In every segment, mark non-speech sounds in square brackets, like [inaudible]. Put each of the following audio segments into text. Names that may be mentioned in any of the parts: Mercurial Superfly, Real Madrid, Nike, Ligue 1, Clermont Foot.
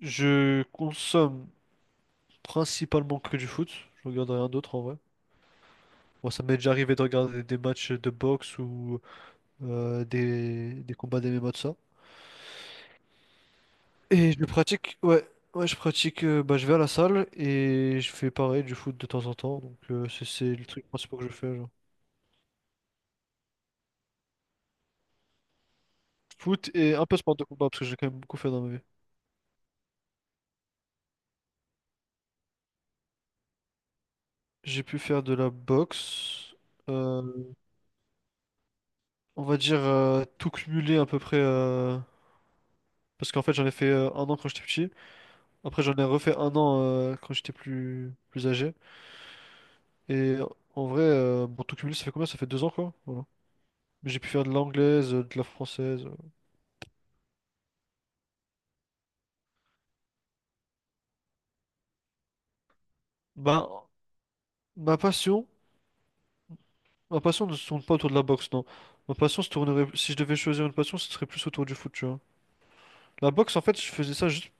Je consomme principalement que du foot. Je regarde rien d'autre en vrai. Bon, ça m'est déjà arrivé de regarder des matchs de boxe ou des combats d'MMA de ça. Et je pratique, ouais, ouais, je pratique, bah, je vais à la salle et je fais pareil du foot de temps en temps. Donc, c'est le truc principal que je fais, genre. Foot et un peu sport de combat parce que j'ai quand même beaucoup fait dans ma vie. J'ai pu faire de la boxe, euh, on va dire tout cumuler à peu près, parce qu'en fait, j'en ai fait un an quand j'étais petit. Après, j'en ai refait un an quand j'étais plus âgé. Et en vrai, bon, tout cumulé, ça fait combien? Ça fait 2 ans, quoi. Voilà. Mais j'ai pu faire de l'anglaise, de la française. Ben, ma passion, ma passion ne se tourne pas autour de la boxe, non. Ma passion se tournerait, si je devais choisir une passion, ce serait plus autour du foot, tu vois. La boxe, en fait, je faisais ça juste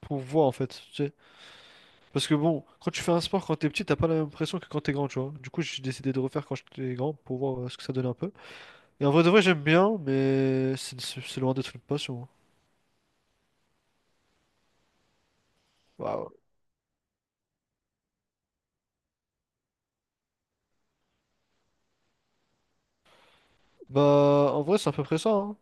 pour voir, en fait, tu sais. Parce que bon, quand tu fais un sport quand t'es petit, t'as pas la même pression que quand t'es grand, tu vois. Du coup, j'ai décidé de refaire quand j'étais grand pour voir ce que ça donnait un peu. Et en vrai de vrai, j'aime bien, mais c'est loin d'être une passion, hein. Waouh. Bah, en vrai, c'est à peu près ça, hein.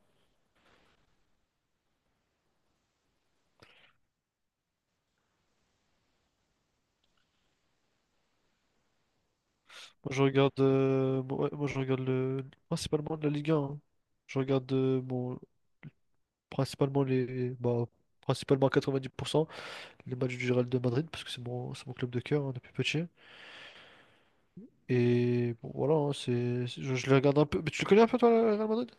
Moi, je regarde, bon, ouais, moi, je regarde le, principalement de la Ligue 1, hein. Je regarde bon, principalement les, bah, principalement à 90% les matchs du Real de Madrid parce que c'est mon club de cœur, hein, depuis petit. Et bon, voilà, hein, je les regarde un peu. Mais tu le connais un peu toi, le Real Madrid?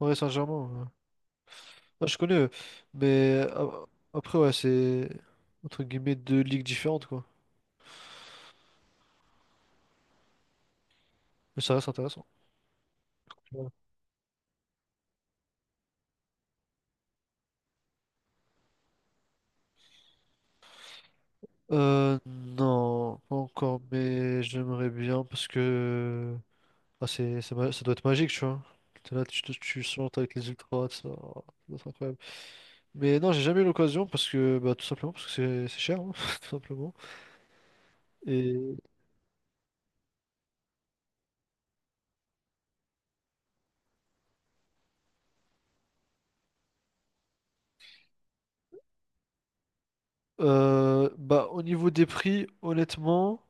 Ouais, Saint-Germain, ouais. Ouais, je connais, mais après, ouais, c'est entre guillemets deux ligues différentes quoi. Mais ça reste intéressant. Non, pas encore, mais j'aimerais bien parce que, ah, ça doit être magique, tu vois. T'es là, tu sortes avec les ultras, tout ça, oh, ça doit être incroyable. Mais non, j'ai jamais eu l'occasion parce que, bah, tout simplement, parce que c'est cher, hein, [laughs] tout simplement. Et bah, au niveau des prix, honnêtement,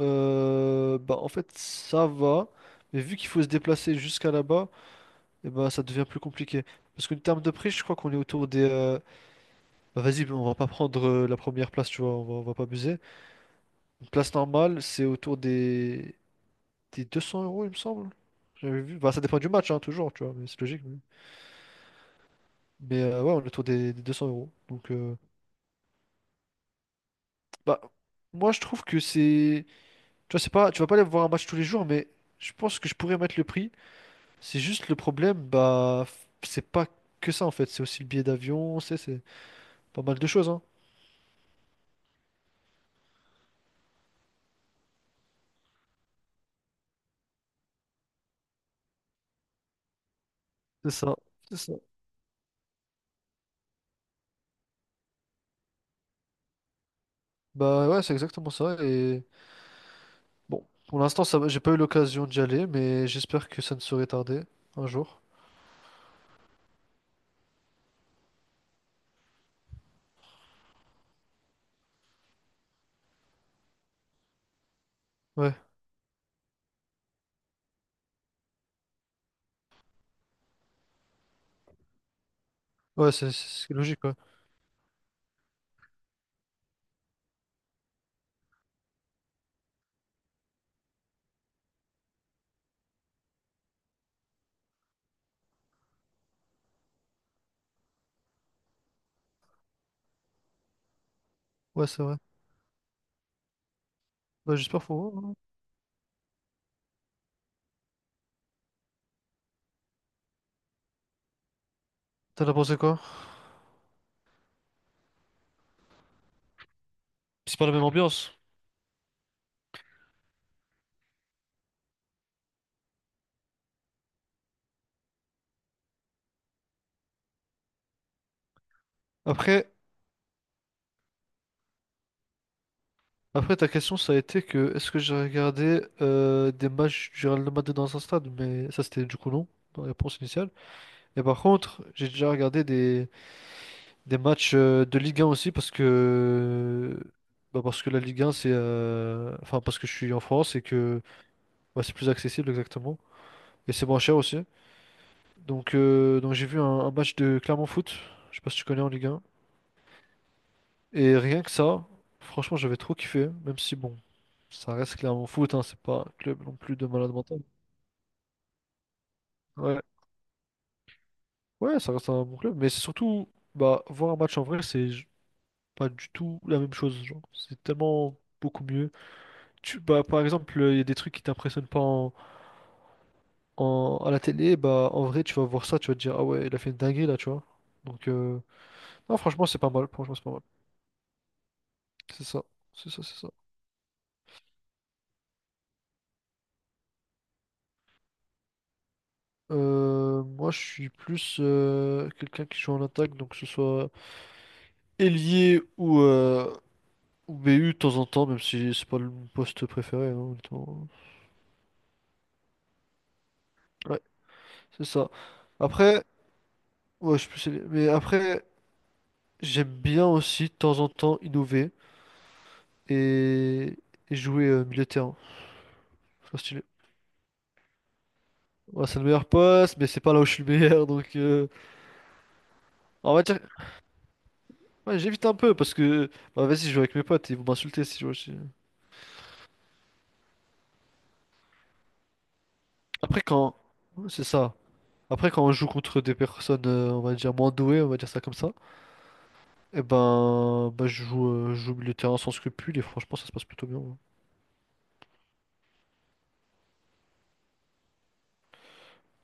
bah, en fait, ça va. Mais vu qu'il faut se déplacer jusqu'à là-bas, et ben ça devient plus compliqué. Parce qu'en termes de prix, je crois qu'on est autour des, bah vas-y, on va pas prendre la première place, tu vois, on va pas abuser. Une place normale, c'est autour des 200 euros, il me semble. J'avais vu. Bah ça dépend du match, hein, toujours, tu vois, mais c'est logique. Mais, ouais, on est autour des 200 euros. Donc, bah, moi je trouve que c'est. Tu vois, c'est pas... tu vas pas aller voir un match tous les jours, mais je pense que je pourrais mettre le prix. C'est juste le problème, bah, c'est pas que ça en fait, c'est aussi le billet d'avion, c'est pas mal de choses, hein. C'est ça, c'est ça. Bah ouais, c'est exactement ça. Et bon, pour l'instant, ça, va, j'ai pas eu l'occasion d'y aller, mais j'espère que ça ne serait tardé un jour. Ouais, ouais, c'est logique, ouais. Ouais, c'est vrai. Ouais, j'espère pour vous, hein. T'en as pensé quoi? C'est pas la même ambiance. Après, après ta question, ça a été que est-ce que j'ai regardé des matchs du Real Madrid dans un stade? Mais ça, c'était du coup non, dans la réponse initiale. Et par contre, j'ai déjà regardé des matchs de Ligue 1 aussi parce que, bah, parce que la Ligue 1, c'est, enfin, parce que je suis en France et que bah, c'est plus accessible exactement. Et c'est moins cher aussi. Donc, j'ai vu un match de Clermont Foot. Je sais pas si tu connais en Ligue 1. Et rien que ça, franchement, j'avais trop kiffé. Même si, bon, ça reste Clermont Foot, hein, c'est pas un club non plus de malade mental. Ouais, ouais, ça reste un bon club. Mais c'est surtout, bah, voir un match en vrai, c'est pas du tout la même chose. Genre, c'est tellement beaucoup mieux. Tu, bah, par exemple, il y a des trucs qui t'impressionnent pas à la télé. Bah, en vrai, tu vas voir ça, tu vas te dire, ah ouais, il a fait une dinguerie là, tu vois. Donc, non, franchement, c'est pas mal. Franchement, c'est pas mal. C'est ça, c'est ça, c'est ça. Moi, je suis plus quelqu'un qui joue en attaque, donc que ce soit ailier ou BU de temps en temps, même si c'est pas mon poste préféré, hein, honnêtement. Ouais, c'est ça. Après, ouais, je suis plus ailier. Mais après, j'aime bien aussi de temps en temps innover et, et jouer milieu de terrain. Je trouve stylé. Ouais, c'est le meilleur poste, mais c'est pas là où je suis le meilleur, donc on va dire, ouais, j'évite un peu parce que bah vas-y, je joue avec mes potes, ils vont m'insulter si je joue aussi. Après, quand. Ouais, c'est ça. Après, quand on joue contre des personnes, on va dire, moins douées, on va dire ça comme ça, et ben. Bah, je joue au milieu de terrain sans scrupule et franchement, ça se passe plutôt bien, hein.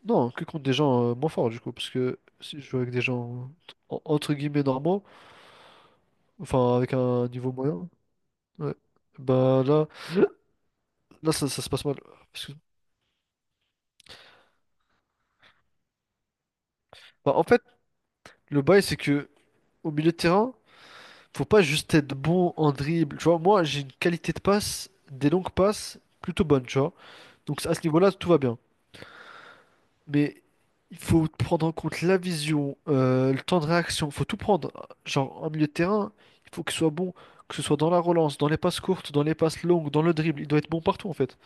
Non, que contre des gens moins forts, du coup, parce que si je joue avec des gens, entre guillemets, normaux, enfin, avec un niveau moyen, ouais, bah là. Là, ça se passe mal. Parce que- Bah, en fait, le bail, c'est que au milieu de terrain, faut pas juste être bon en dribble. Tu vois, moi, j'ai une qualité de passe, des longues passes, plutôt bonne, tu vois. Donc à ce niveau-là, tout va bien. Mais il faut prendre en compte la vision, le temps de réaction, faut tout prendre. Genre en milieu de terrain, il faut qu'il soit bon, que ce soit dans la relance, dans les passes courtes, dans les passes longues, dans le dribble, il doit être bon partout en fait.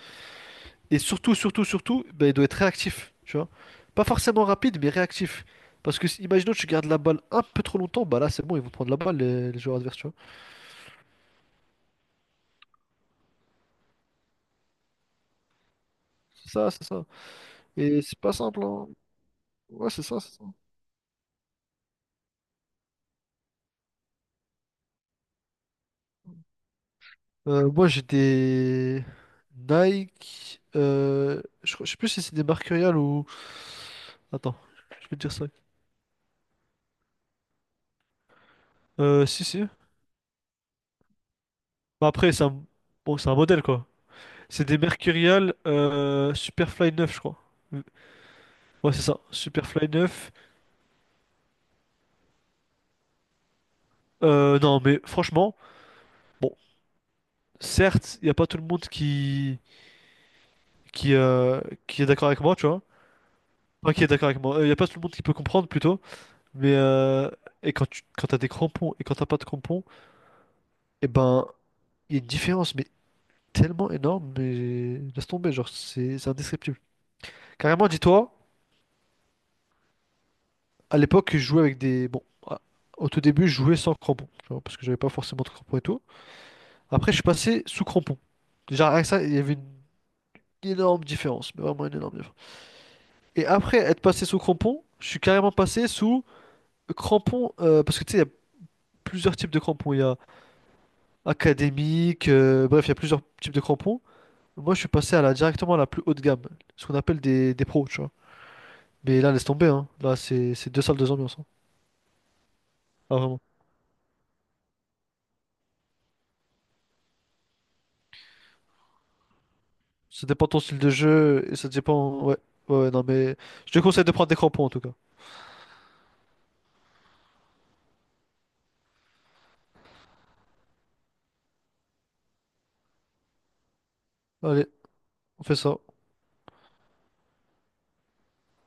Et surtout, surtout, surtout, ben, il doit être réactif, tu vois. Pas forcément rapide, mais réactif. Parce que imaginons que tu gardes la balle un peu trop longtemps, bah là c'est bon, ils vont prendre la balle les joueurs adverses, tu vois. C'est ça, c'est ça. Et c'est pas simple, hein. Ouais, c'est ça. Moi, j'ai des Nike, je sais plus si c'est des Mercurial ou. Attends, je vais te dire ça. Si, si. Bah, après, c'est un... Bon, c'est un modèle, quoi. C'est des Mercurial Superfly 9 je crois. Ouais, c'est ça. Superfly 9. Non, mais franchement, bon, certes, il n'y a pas tout le monde qui, euh, qui est d'accord avec moi, tu vois. Enfin, qui est d'accord avec moi. Il n'y a pas tout le monde qui peut comprendre, plutôt. Mais et quand t'as des crampons et quand t'as pas de crampons, et ben, il y a une différence, mais tellement énorme, mais laisse tomber, genre, c'est indescriptible. Carrément, dis-toi, à l'époque, je jouais avec des. Bon, au tout début, je jouais sans crampons, tu vois, parce que j'avais pas forcément de crampons et tout. Après, je suis passé sous crampons. Déjà, rien ça, il y avait une énorme différence, mais vraiment une énorme différence. Et après être passé sous crampons, je suis carrément passé sous crampons, parce que tu sais, il y a plusieurs types de crampons. Il y a académique, bref, il y a plusieurs types de crampons. Moi, je suis passé à la directement à la plus haute gamme, ce qu'on appelle des pros, tu vois. Mais là, laisse tomber, hein. Là, c'est deux salles, deux ambiances, hein. Ah, vraiment. Ça dépend de ton style de jeu et ça dépend. Ouais, ouais, ouais, non, mais je te conseille de prendre des crampons en tout cas. Allez, on fait ça.